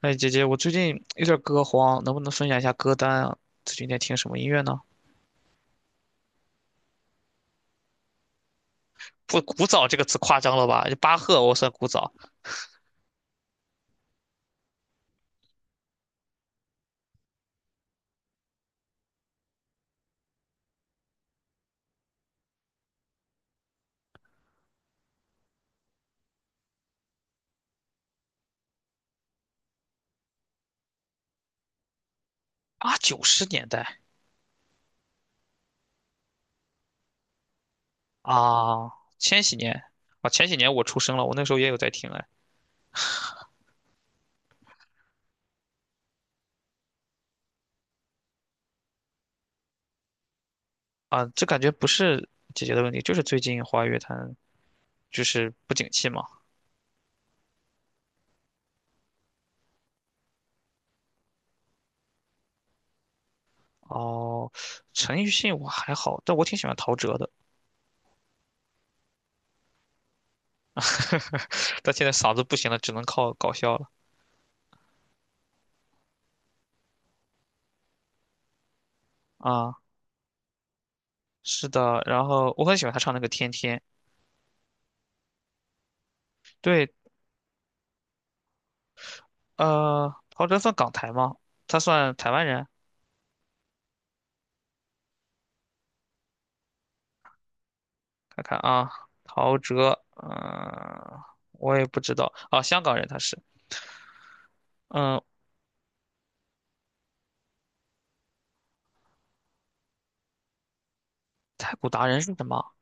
哎，姐姐，我最近有点歌荒，能不能分享一下歌单啊？最近在听什么音乐呢？不，古早这个词夸张了吧？巴赫我算古早啊，90年代啊，千禧年啊，前几年我出生了，我那时候也有在听哎啊，这感觉不是姐姐的问题，就是最近华语乐坛就是不景气嘛。哦，陈奕迅我还好，但我挺喜欢陶喆的，但现在嗓子不行了，只能靠搞笑了啊。是的，然后我很喜欢他唱那个《天天》。对，陶喆算港台吗？他算台湾人？看看啊，陶喆，嗯、我也不知道啊，香港人他是，嗯、太古达人是什么？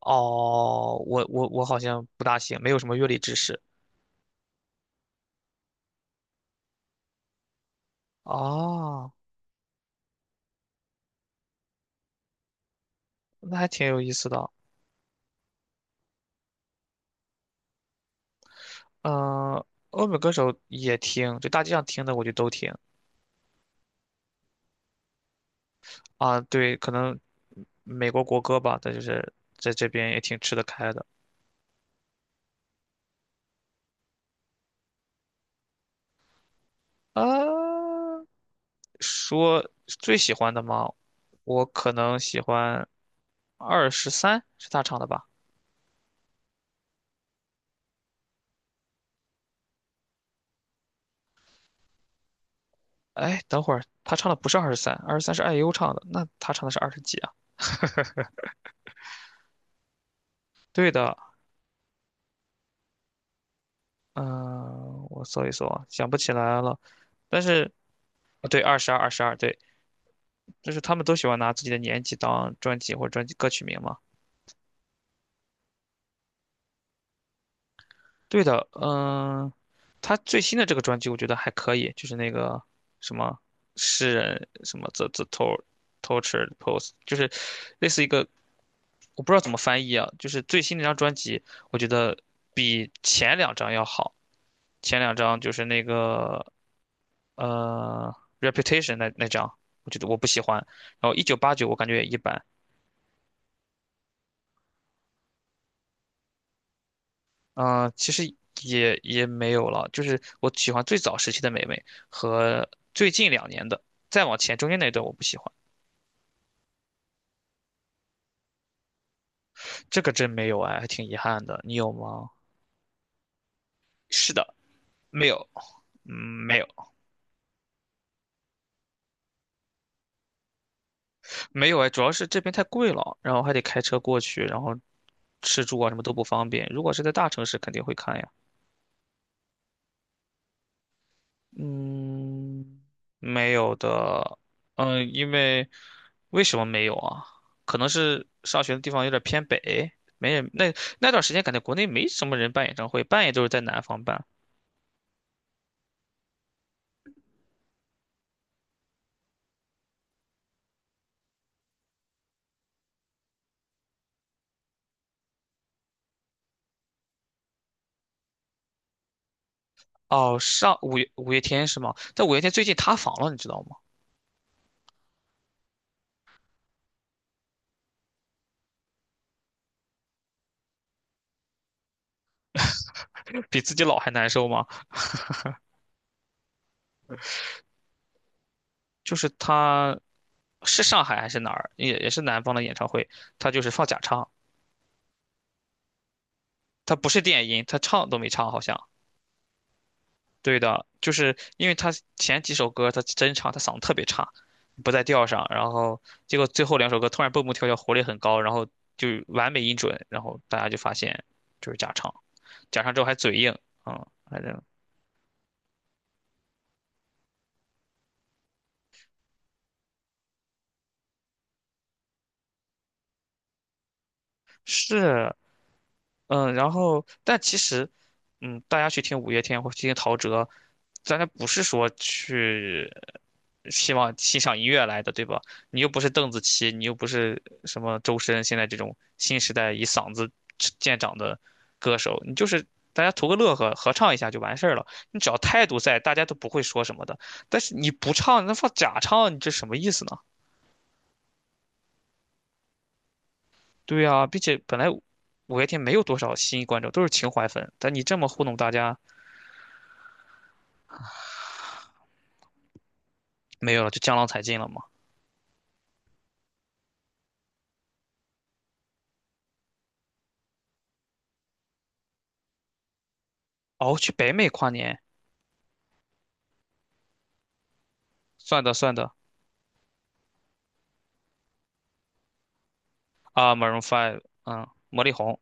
哦，我好像不大行，没有什么乐理知识。哦，那还挺有意思的。嗯、欧美歌手也听，就大街上听的我就都听啊。对，可能美国国歌吧，但就是在这边也挺吃得开的。啊。说最喜欢的吗？我可能喜欢二十三，是他唱的吧？哎，等会儿他唱的不是二十三，二十三是 i 优唱的，那他唱的是20几啊？对的，嗯、我搜一搜啊想不起来了。但是，啊对，二十二，二十二，对，就是他们都喜欢拿自己的年纪当专辑或者专辑歌曲名嘛。对的，嗯、他最新的这个专辑我觉得还可以，就是那个什么诗人什么 the tor t o r t u r e pose，就是类似一个我不知道怎么翻译啊，就是最新那张专辑，我觉得比前两张要好。前两张就是那个呃 Reputation 那张，我觉得我不喜欢。然后1989我感觉也一般，嗯，其实也没有了，就是我喜欢最早时期的美味和最近2年的，再往前中间那段我不喜欢，这个真没有哎，还挺遗憾的。你有吗？是的，没有，嗯，没有，没有哎，主要是这边太贵了，然后还得开车过去，然后吃住啊什么都不方便。如果是在大城市，肯定会看呀。嗯，没有的，嗯，因为为什么没有啊？可能是上学的地方有点偏北，没人。那那段时间感觉国内没什么人办演唱会，办也都是在南方办。哦，上五月天是吗？但五月天最近塌房了，你知道吗？比自己老还难受吗？就是他是上海还是哪儿，也是南方的演唱会，他就是放假唱，他不是电音，他唱都没唱好像。对的，就是因为他前几首歌他真唱，他嗓子特别差，不在调上，然后结果最后2首歌突然蹦蹦跳跳，活力很高，然后就完美音准，然后大家就发现就是假唱，假唱之后还嘴硬，嗯，反正是嗯，然后但其实，嗯，大家去听五月天或去听陶喆，大家不是说去希望欣赏音乐来的，对吧？你又不是邓紫棋，你又不是什么周深，现在这种新时代以嗓子见长的歌手，你就是大家图个乐呵，合唱一下就完事儿了。你只要态度在，大家都不会说什么的。但是你不唱，那放假唱，你这什么意思呢？对呀、并且本来五月天没有多少新观众，都是情怀粉，但你这么糊弄大家。没有了，就江郎才尽了嘛。哦，去北美跨年，算的算的啊，Maroon 5，嗯，魔力红。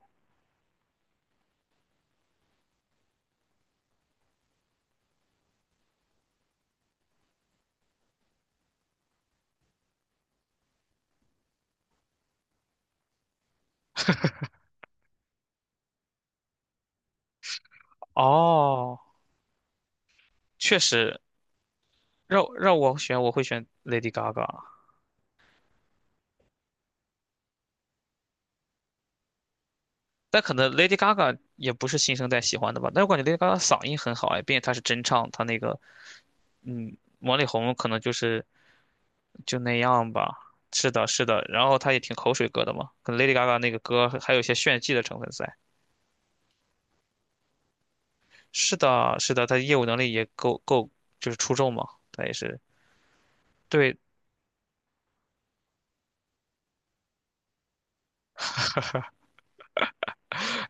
哦，确实，让我选，我会选 Lady Gaga，但可能 Lady Gaga 也不是新生代喜欢的吧。但我感觉 Lady Gaga 嗓音很好哎，并且她是真唱，她那个嗯，魔力红可能就是就那样吧。是的，是的，然后她也挺口水歌的嘛，可能 Lady Gaga 那个歌还有一些炫技的成分在。是的，是的，她业务能力也够够，就是出众嘛，她也是。对，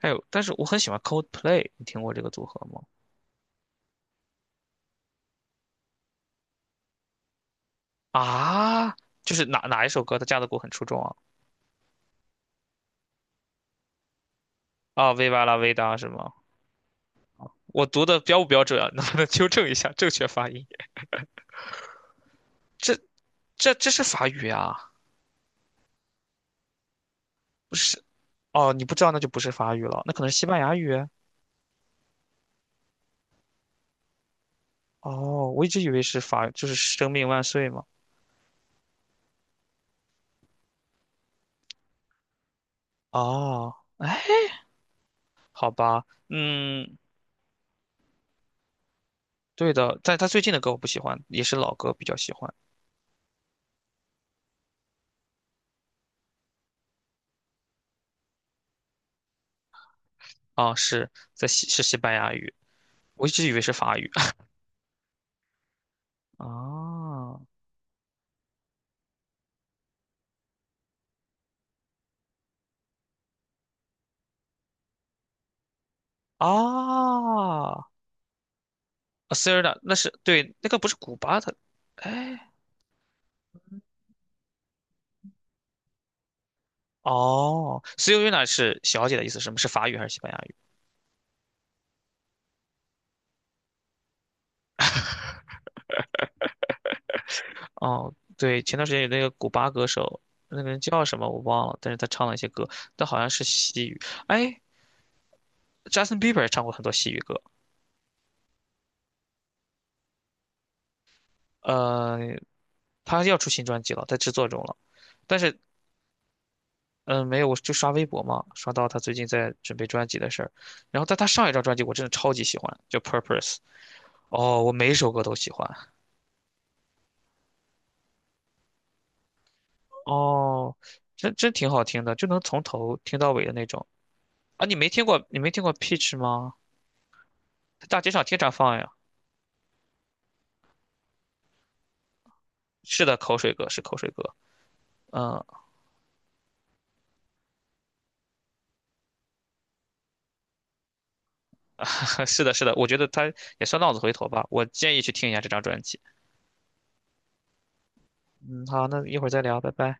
还有，但是我很喜欢 Coldplay，你听过这个组合吗？啊，就是哪一首歌他架子鼓很出众啊？啊，Viva la vida 是吗？我读的标不标准啊？能不能纠正一下正确发音？这这是法语啊？不是哦，你不知道那就不是法语了，那可能是西班牙语。哦，我一直以为是法，就是生命万岁嘛。哦，哎，好吧，嗯，对的，但他最近的歌我不喜欢，也是老歌比较喜欢。啊，是在西是西班牙语，我一直以为是法语。哦哦，啊 s e r e a 那是对，那个不是古巴的，哎，哦 s e r e n a 是小姐的意思，什么是法语还是西班牙语？哦，对，前段时间有那个古巴歌手，那个人叫什么我忘了，但是他唱了一些歌，但好像是西语。哎，Justin Bieber 也唱过很多西语歌，呃，他要出新专辑了，在制作中了，但是。嗯，没有，我就刷微博嘛，刷到他最近在准备专辑的事儿，然后但他上一张专辑我真的超级喜欢，叫《Purpose》。哦，我每首歌都喜欢。哦，真挺好听的，就能从头听到尾的那种。啊，你没听过 Peach 吗？在大街上经常放呀。是的，口水歌是口水歌。嗯，是的，是的，我觉得他也算浪子回头吧。我建议去听一下这张专辑。嗯，好，那一会儿再聊，拜拜。